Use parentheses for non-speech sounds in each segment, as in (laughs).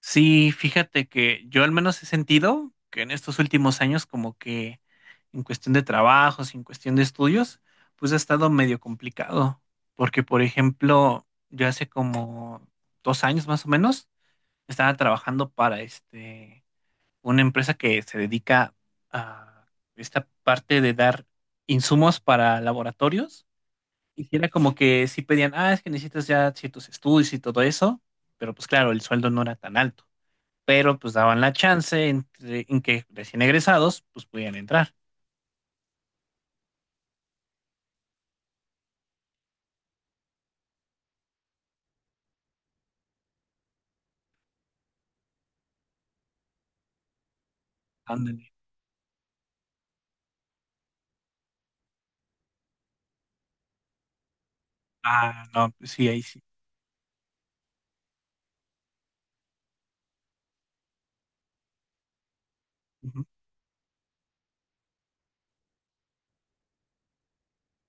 Sí, fíjate que yo al menos he sentido que en estos últimos años como que en cuestión de trabajos, en cuestión de estudios, pues ha estado medio complicado, porque por ejemplo, yo hace como dos años más o menos estaba trabajando para una empresa que se dedica a esta parte de dar insumos para laboratorios y sí era como que sí pedían, ah, es que necesitas ya ciertos estudios y todo eso, pero pues claro, el sueldo no era tan alto, pero pues daban la chance en que recién egresados pues pudieran entrar. Ándale. Ah, no, pues sí, ahí sí. Ujú,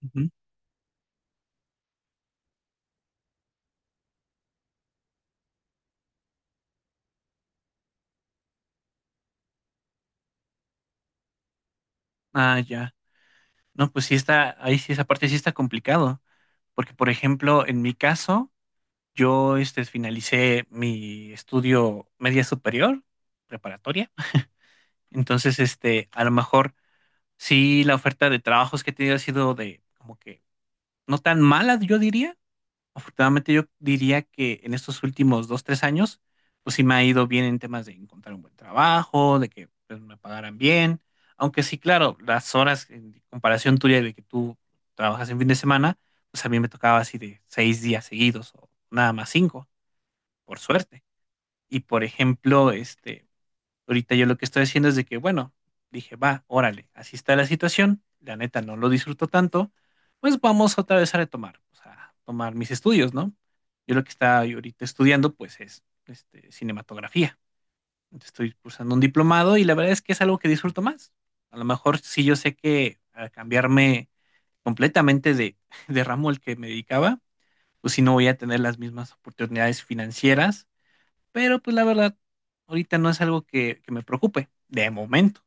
ujú. Ah, ya. No, pues sí está, ahí sí, esa parte sí está complicado, porque por ejemplo, en mi caso, yo finalicé mi estudio media superior, preparatoria, entonces a lo mejor sí la oferta de trabajos que he tenido ha sido de como que no tan mala, yo diría. Afortunadamente yo diría que en estos últimos dos, tres años, pues sí me ha ido bien en temas de encontrar un buen trabajo, de que pues, me pagaran bien, aunque sí, claro, las horas en comparación tuya de que tú trabajas en fin de semana, pues a mí me tocaba así de seis días seguidos o nada más cinco, por suerte. Y por ejemplo, ahorita yo lo que estoy haciendo es de que, bueno, dije, va, órale, así está la situación, la neta no lo disfruto tanto, pues vamos otra vez a retomar, o sea, a tomar mis estudios, ¿no? Yo lo que estaba ahorita estudiando, pues es cinematografía. Entonces, estoy cursando un diplomado y la verdad es que es algo que disfruto más. A lo mejor sí, yo sé que al cambiarme completamente de, (laughs) de ramo al que me dedicaba, pues sí no voy a tener las mismas oportunidades financieras, pero pues la verdad, ahorita no es algo que me preocupe, de momento.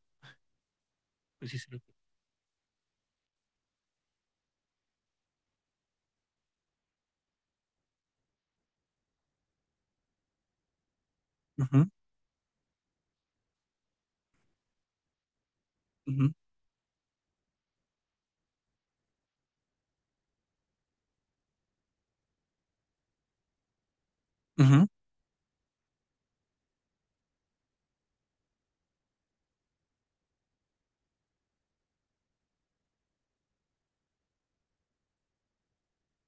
Pues sí, sí. Ujú, ujú, ujú,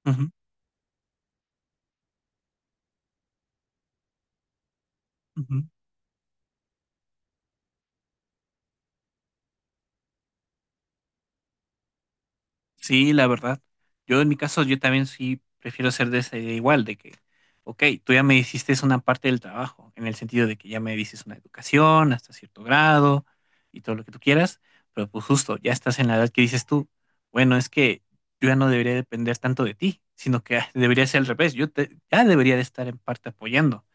ujú, ujú. Sí, la verdad. Yo en mi caso, yo también sí prefiero ser de esa idea igual, de que, ok, tú ya me hiciste una parte del trabajo, en el sentido de que ya me dices una educación hasta cierto grado y todo lo que tú quieras, pero pues justo, ya estás en la edad que dices tú, bueno, es que yo ya no debería depender tanto de ti, sino que (laughs) debería ser al revés, ya debería de estar en parte apoyando.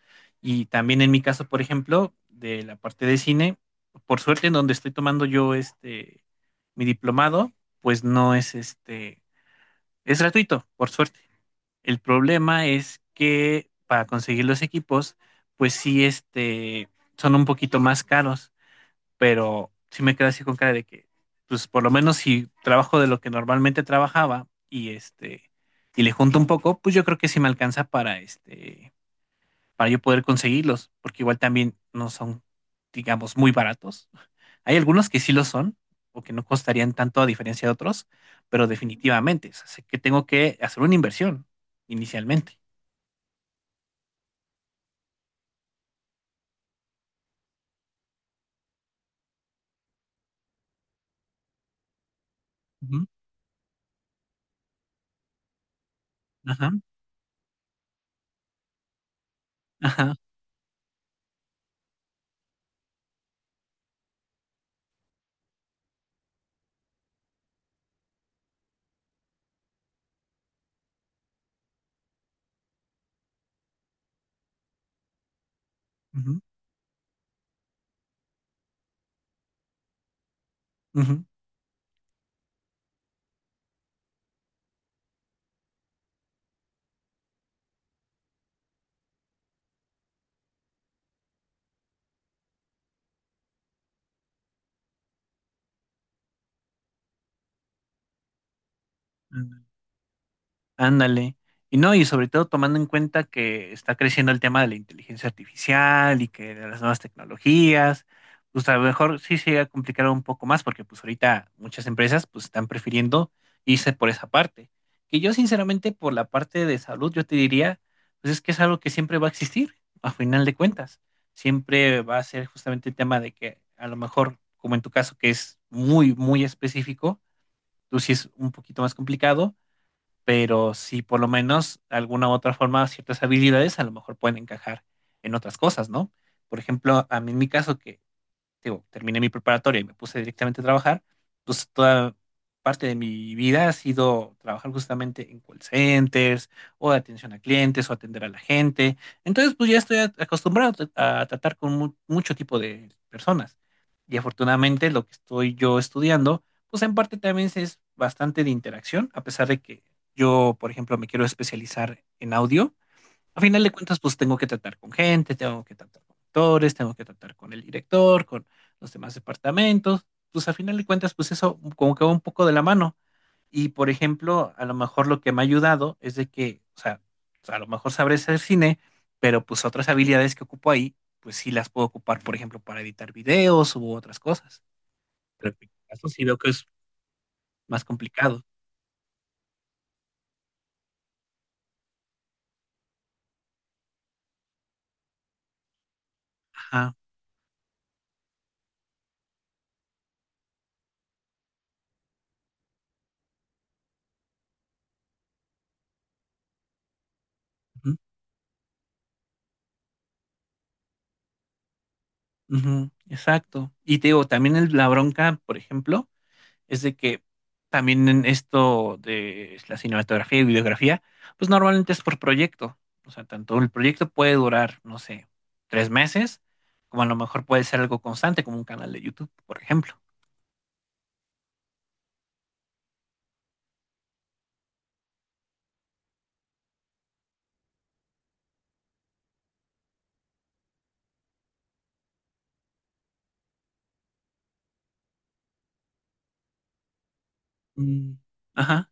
Y también en mi caso, por ejemplo, de la parte de cine, por suerte en donde estoy tomando yo mi diplomado, pues no es es gratuito, por suerte. El problema es que para conseguir los equipos, pues sí, son un poquito más caros, pero sí me quedo así con cara de que, pues por lo menos si trabajo de lo que normalmente trabajaba y y le junto un poco, pues yo creo que sí me alcanza para para yo poder conseguirlos, porque igual también no son, digamos, muy baratos. Hay algunos que sí lo son, o que no costarían tanto a diferencia de otros, pero definitivamente, o sea, sé que tengo que hacer una inversión inicialmente. Ujú, ajá, ajá, ujú, ujú. Ándale. Y no, y sobre todo tomando en cuenta que está creciendo el tema de la inteligencia artificial y que de las nuevas tecnologías, pues a lo mejor sí se llega a complicar un poco más porque pues ahorita muchas empresas pues están prefiriendo irse por esa parte. Que yo sinceramente por la parte de salud yo te diría, pues es que es algo que siempre va a existir, a final de cuentas. Siempre va a ser justamente el tema de que a lo mejor, como en tu caso que es muy, muy específico, tú sí es un poquito más complicado, pero si por lo menos de alguna u otra forma ciertas habilidades a lo mejor pueden encajar en otras cosas, ¿no? Por ejemplo, a mí en mi caso que digo, terminé mi preparatoria y me puse directamente a trabajar, pues toda parte de mi vida ha sido trabajar justamente en call centers o de atención a clientes o atender a la gente. Entonces, pues ya acostumbrado a tratar con mucho tipo de personas. Y afortunadamente lo que estoy yo estudiando, pues en parte también es bastante de interacción, a pesar de que yo, por ejemplo, me quiero especializar en audio. A final de cuentas, pues tengo que tratar con gente, tengo que tratar con actores, tengo que tratar con el director, con los demás departamentos. Pues a final de cuentas, pues eso como que va un poco de la mano. Y por ejemplo, a lo mejor lo que me ha ayudado es de que, o sea, a lo mejor sabré hacer cine, pero pues otras habilidades que ocupo ahí, pues sí las puedo ocupar, por ejemplo, para editar videos u otras cosas. Pero en mi caso sí veo que es más complicado. Ajá. Ujú, ujú, exacto. Y te digo, también la bronca, por ejemplo, es de que también en esto de la cinematografía y videografía, pues normalmente es por proyecto. O sea, tanto el proyecto puede durar, no sé, tres meses, como a lo mejor puede ser algo constante, como un canal de YouTube, por ejemplo. Mm, ajá.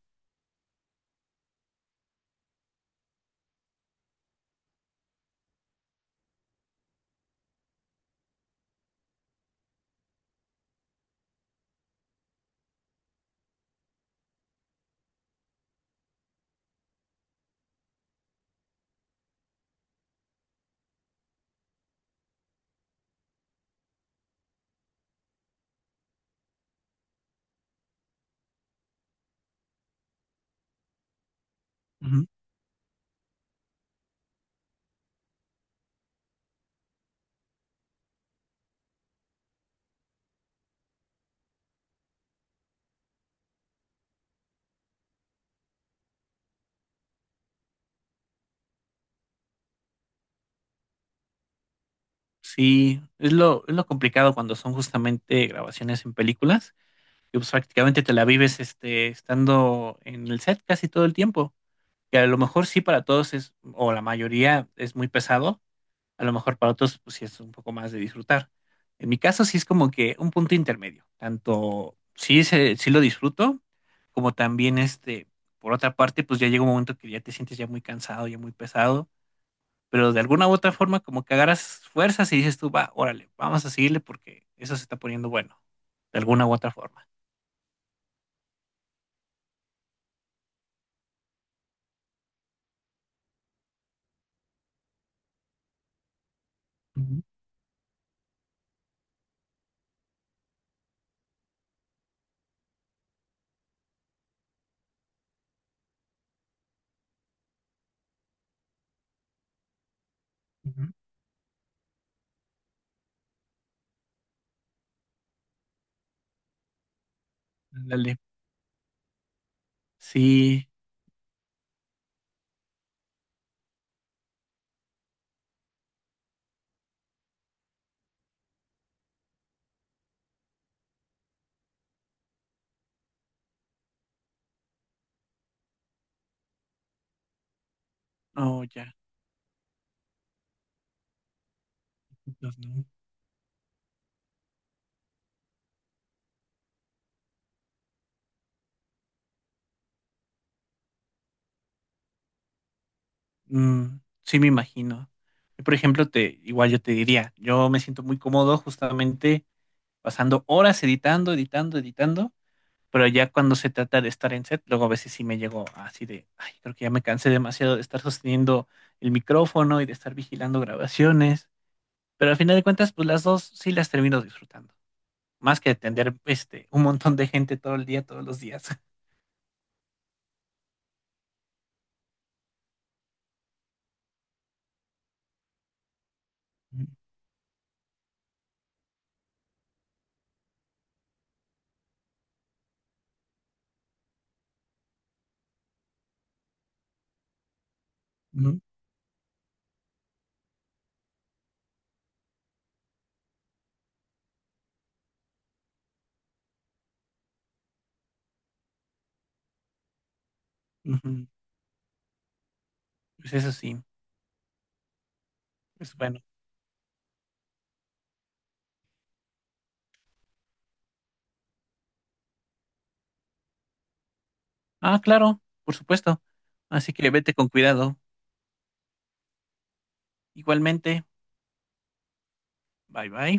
Ujú. Sí, es lo complicado cuando son justamente grabaciones en películas, y pues prácticamente te la vives estando en el set casi todo el tiempo, que a lo mejor sí para todos es, o la mayoría es muy pesado. A lo mejor para otros, pues sí es un poco más de disfrutar. En mi caso, sí es como que un punto intermedio. Tanto sí, sí lo disfruto, como también por otra parte, pues ya llega un momento que ya te sientes ya muy cansado, ya muy pesado, pero de alguna u otra forma, como que agarras fuerzas y dices tú, va, órale, vamos a seguirle porque eso se está poniendo bueno, de alguna u otra forma. Ujú, ujú. Ándale. Sí, no, ya, entonces, no. Mm, sí, me imagino. Yo, por ejemplo, igual yo te diría, yo me siento muy cómodo justamente pasando horas editando, editando, editando, pero ya cuando se trata de estar en set, luego a veces sí me llego así de, ay, creo que ya me cansé demasiado de estar sosteniendo el micrófono y de estar vigilando grabaciones, pero al final de cuentas, pues las dos sí las termino disfrutando, más que atender un montón de gente todo el día, todos los días. (laughs) Ujú, ujú. Pues eso sí, pues bueno. Ah, claro, por supuesto. Así que vete con cuidado. Igualmente, bye bye.